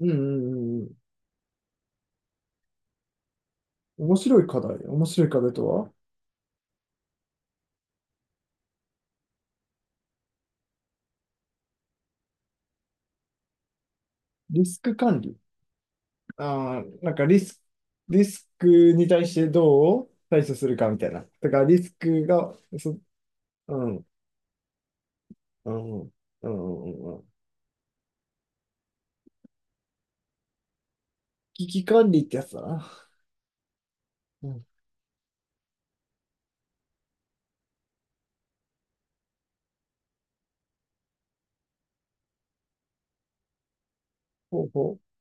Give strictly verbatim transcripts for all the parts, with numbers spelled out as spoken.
うんうんうん。面白い課題。面白い課題とは？リスク管理。ああ、なんかリス、リスクに対してどう対処するかみたいな。だからリスクが、そ、うん、うん、うん、うん、うん。危機管理ってやつだな。うん。ほうほう。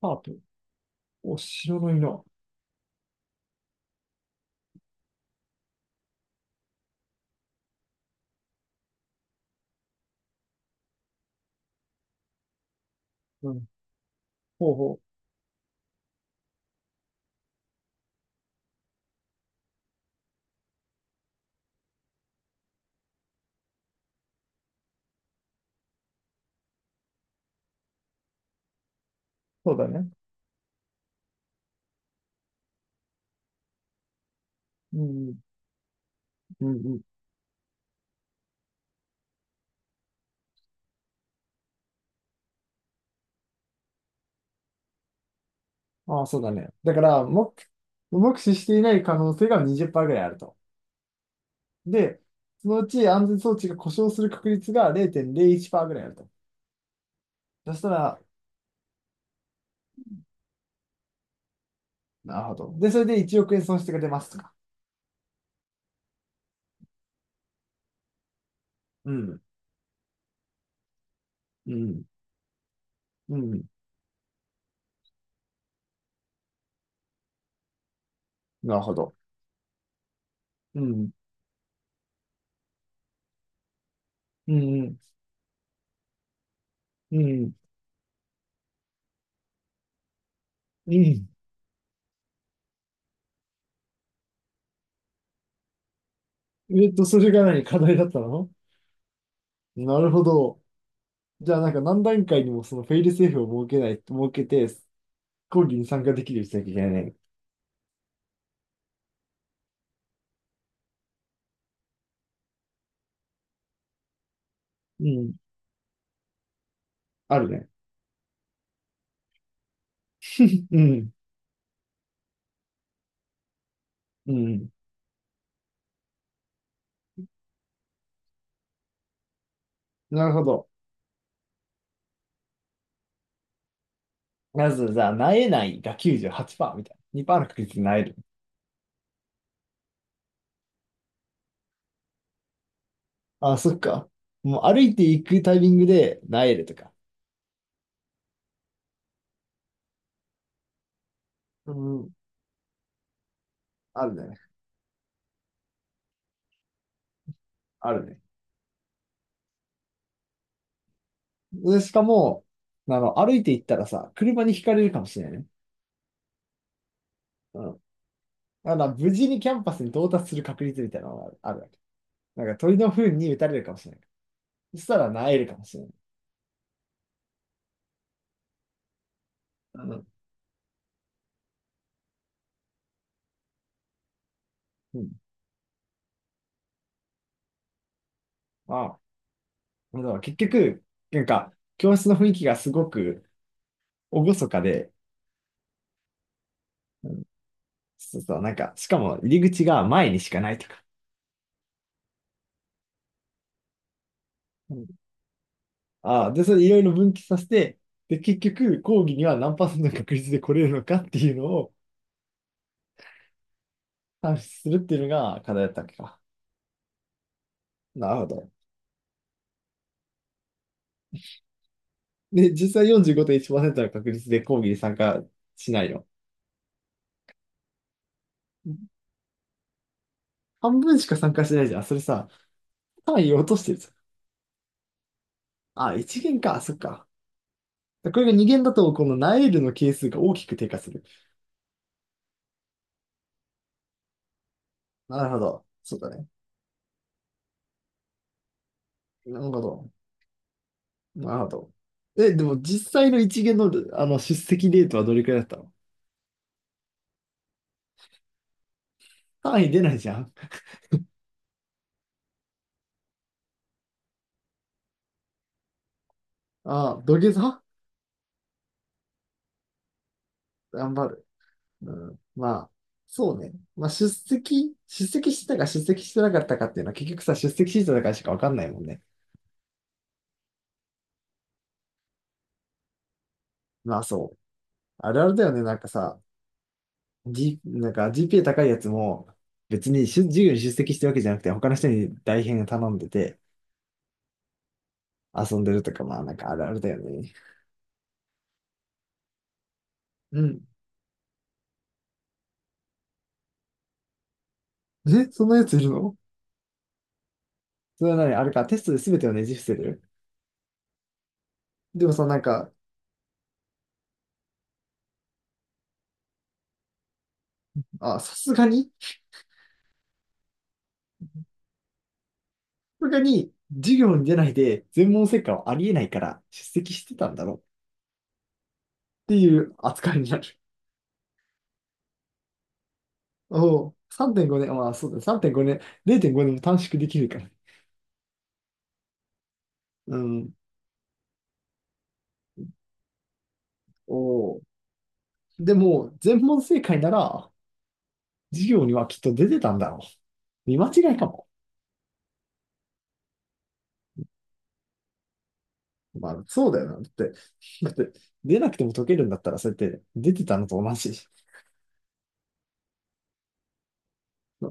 パープ。お、白の色。うん。ほうほう。そうだね。うん、うん、うん。ああ、そうだね。だから、目、目視していない可能性がにじゅっパーセントぐらいあると。で、そのうち安全装置が故障する確率がれいてんれいいちパーセントぐらいあると。そしたら、なるほど。で、それでいちおく円損失が出ますとか。うん、うん、うん、なるほど。うん、うん、うん、うん。えっと、それが何課題だったの？なるほど。じゃあ、なんか何段階にもそのフェイルセーフを設けない、設けて、講義に参加できるようにしなきゃいけないね。うん、あるね。うん、うん。なるほど。まず、じゃあ、なえないがきゅうじゅうはっパーセントみたいな。にパーセントの確率でなえる。あ、そっか。もう歩いていくタイミングで、萎えるとか。うん、あるね。あるね。で、しかも、あの、歩いていったらさ、車にひかれるかもしれないね。うん。だから、無事にキャンパスに到達する確率みたいなのがあるわけ。なんか、鳥の糞に打たれるかもしれない。そしたら、萎えるかもしれない。うん。うん。まあ、だから結局、なんか、教室の雰囲気がすごく厳かで、うん、そうそう、なんか、しかも入り口が前にしかないとか。うん。ああ、で、それいろいろ分岐させて、で、結局、講義には何パーセントの確率で来れるのかっていうのを算出するっていうのが課題だったわけか。なるほど。で、実際よんじゅうごてんいちパーセントの確率で講義に参加しないよ。半分しか参加してないじゃん。それさ、単位落としてるじゃん。あ、いち限か、そっか。これがに限だと、このナイルの係数が大きく低下する。なるほど。そうだね。なるほど。なるほど。え、でも実際のいち限の、あの出席レートはどれくらいだったの？単位出ないじゃん。ああ、土下座。頑張る。うん。まあ、そうね。まあ、出席、出席してたか出席してなかったかっていうのは結局さ、出席してたかしかわかんないもんね。まあそう。あるあるだよね。なんかさ、G、なんか ジーピーエー 高いやつも、別にしゅ授業に出席してるわけじゃなくて、他の人に代編頼んでて遊んでるとか、まあなんかあるあるだよね。うん。え、そんなやついるの？それは何あれか、テストで全てをねじ伏せる。でもさ、なんか、あ、さすがに、さすがに授業に出ないで全問正解はありえないから出席してたんだろうっていう扱いになる。おお、さんてんごねん、まあそうだね、さんてんごねん、れいてんごねんも短縮できるから。うん。おお。でも、全問正解なら授業にはきっと出てたんだろう。見間違いかも。まあそうだよな。だって、だって出なくても解けるんだったらそうやって出てたのと同じ。そう、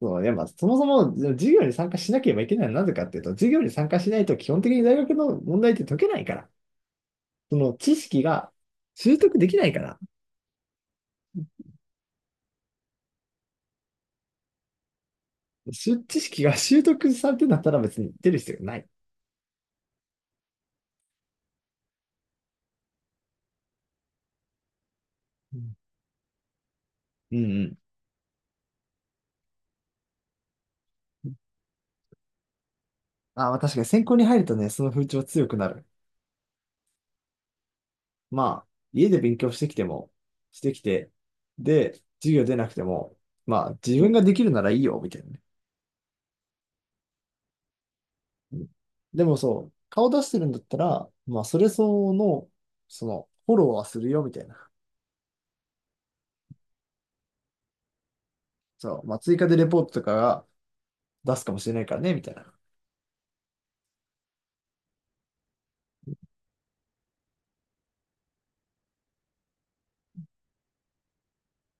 そういやまあ、そもそも授業に参加しなければいけないのはなぜかっていうと、授業に参加しないと基本的に大学の問題って解けないから。その知識が習得できないから、知識が習得されてるんだったら別に出る必要がない。うんうんうん。あ、まあ確かに専攻に入るとね、その風潮強くなる。まあ、家で勉強してきても、してきて、で、授業出なくても、まあ自分ができるならいいよ、みたいなね。うん。でもそう、顔出してるんだったら、まあそれ相応の、その、フォローはするよ、みたいな。そう、まあ追加でレポートとかが出すかもしれないからね、みたいな。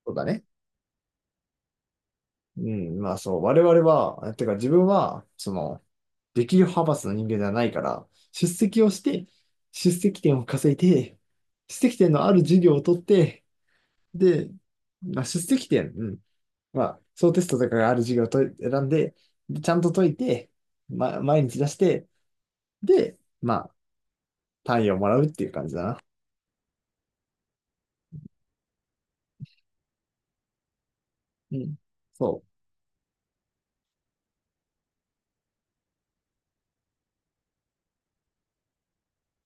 そうだね。うん、まあそう、我々は、えてか自分は、その、力量派閥の人間じゃないから、出席をして、出席点を稼いで、出席点のある授業を取って、で、まあ、出席点、うん、まあ、小テストとかがある授業をと選んで、でちゃんと解いて、ま、毎日出して、で、まあ、単位をもらうっていう感じだな。うん。そ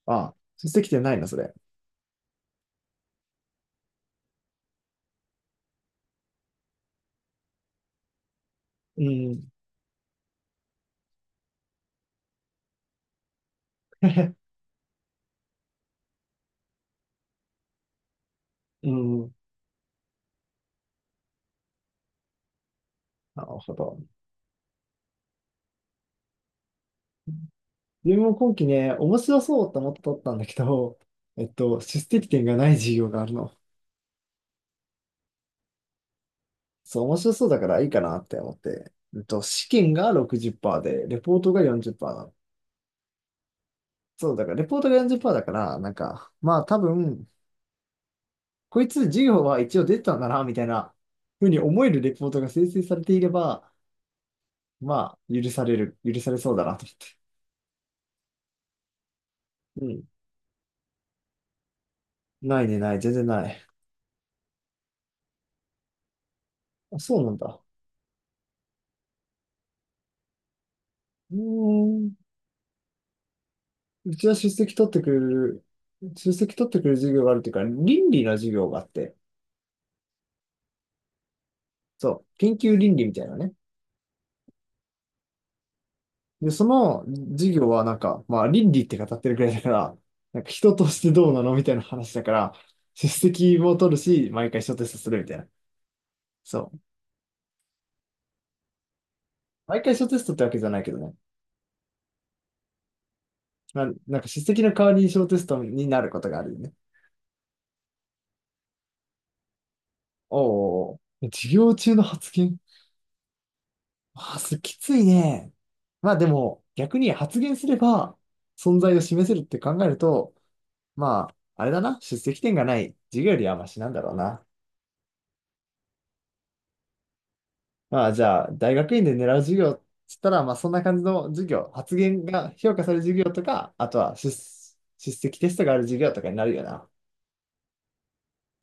う。ああ、出席点ないな、それ。うん。うん。なるほど。自分も今期ね、面白そうと思って取ったんだけど、えっと、出席点がない授業があるの。そう、面白そうだからいいかなって思って。えっと、試験がろくじゅっパーセントで、レポートがよんじゅっパーセントなの。そう、だからレポートがよんじゅっパーセントだから、なんか、まあ多分、こいつ授業は一応出てたんだな、みたいなふうに思えるレポートが生成されていれば、まあ、許される、許されそうだなと思って。うん。ないね、ない、全然ない。あ、そうなんだ。うーん。うちは出席取ってくれる、出席取ってくれる授業があるっていうか、倫理の授業があって、そう、研究倫理みたいなね。で、その授業はなんか、まあ倫理って語ってるくらいだから、なんか人としてどうなのみたいな話だから、出席も取るし、毎回小テストするみたいな。そう。毎回小テストってわけじゃないけどね。な、なんか出席の代わりに小テストになることがあるよね。おうおうおう、授業中の発言？まあ、す、きついね。まあでも、逆に発言すれば、存在を示せるって考えると、まあ、あれだな、出席点がない授業よりはマシなんだろうな。まあ、じゃあ、大学院で狙う授業っつったら、まあ、そんな感じの授業、発言が評価される授業とか、あとは出、出席テストがある授業とかになるよな。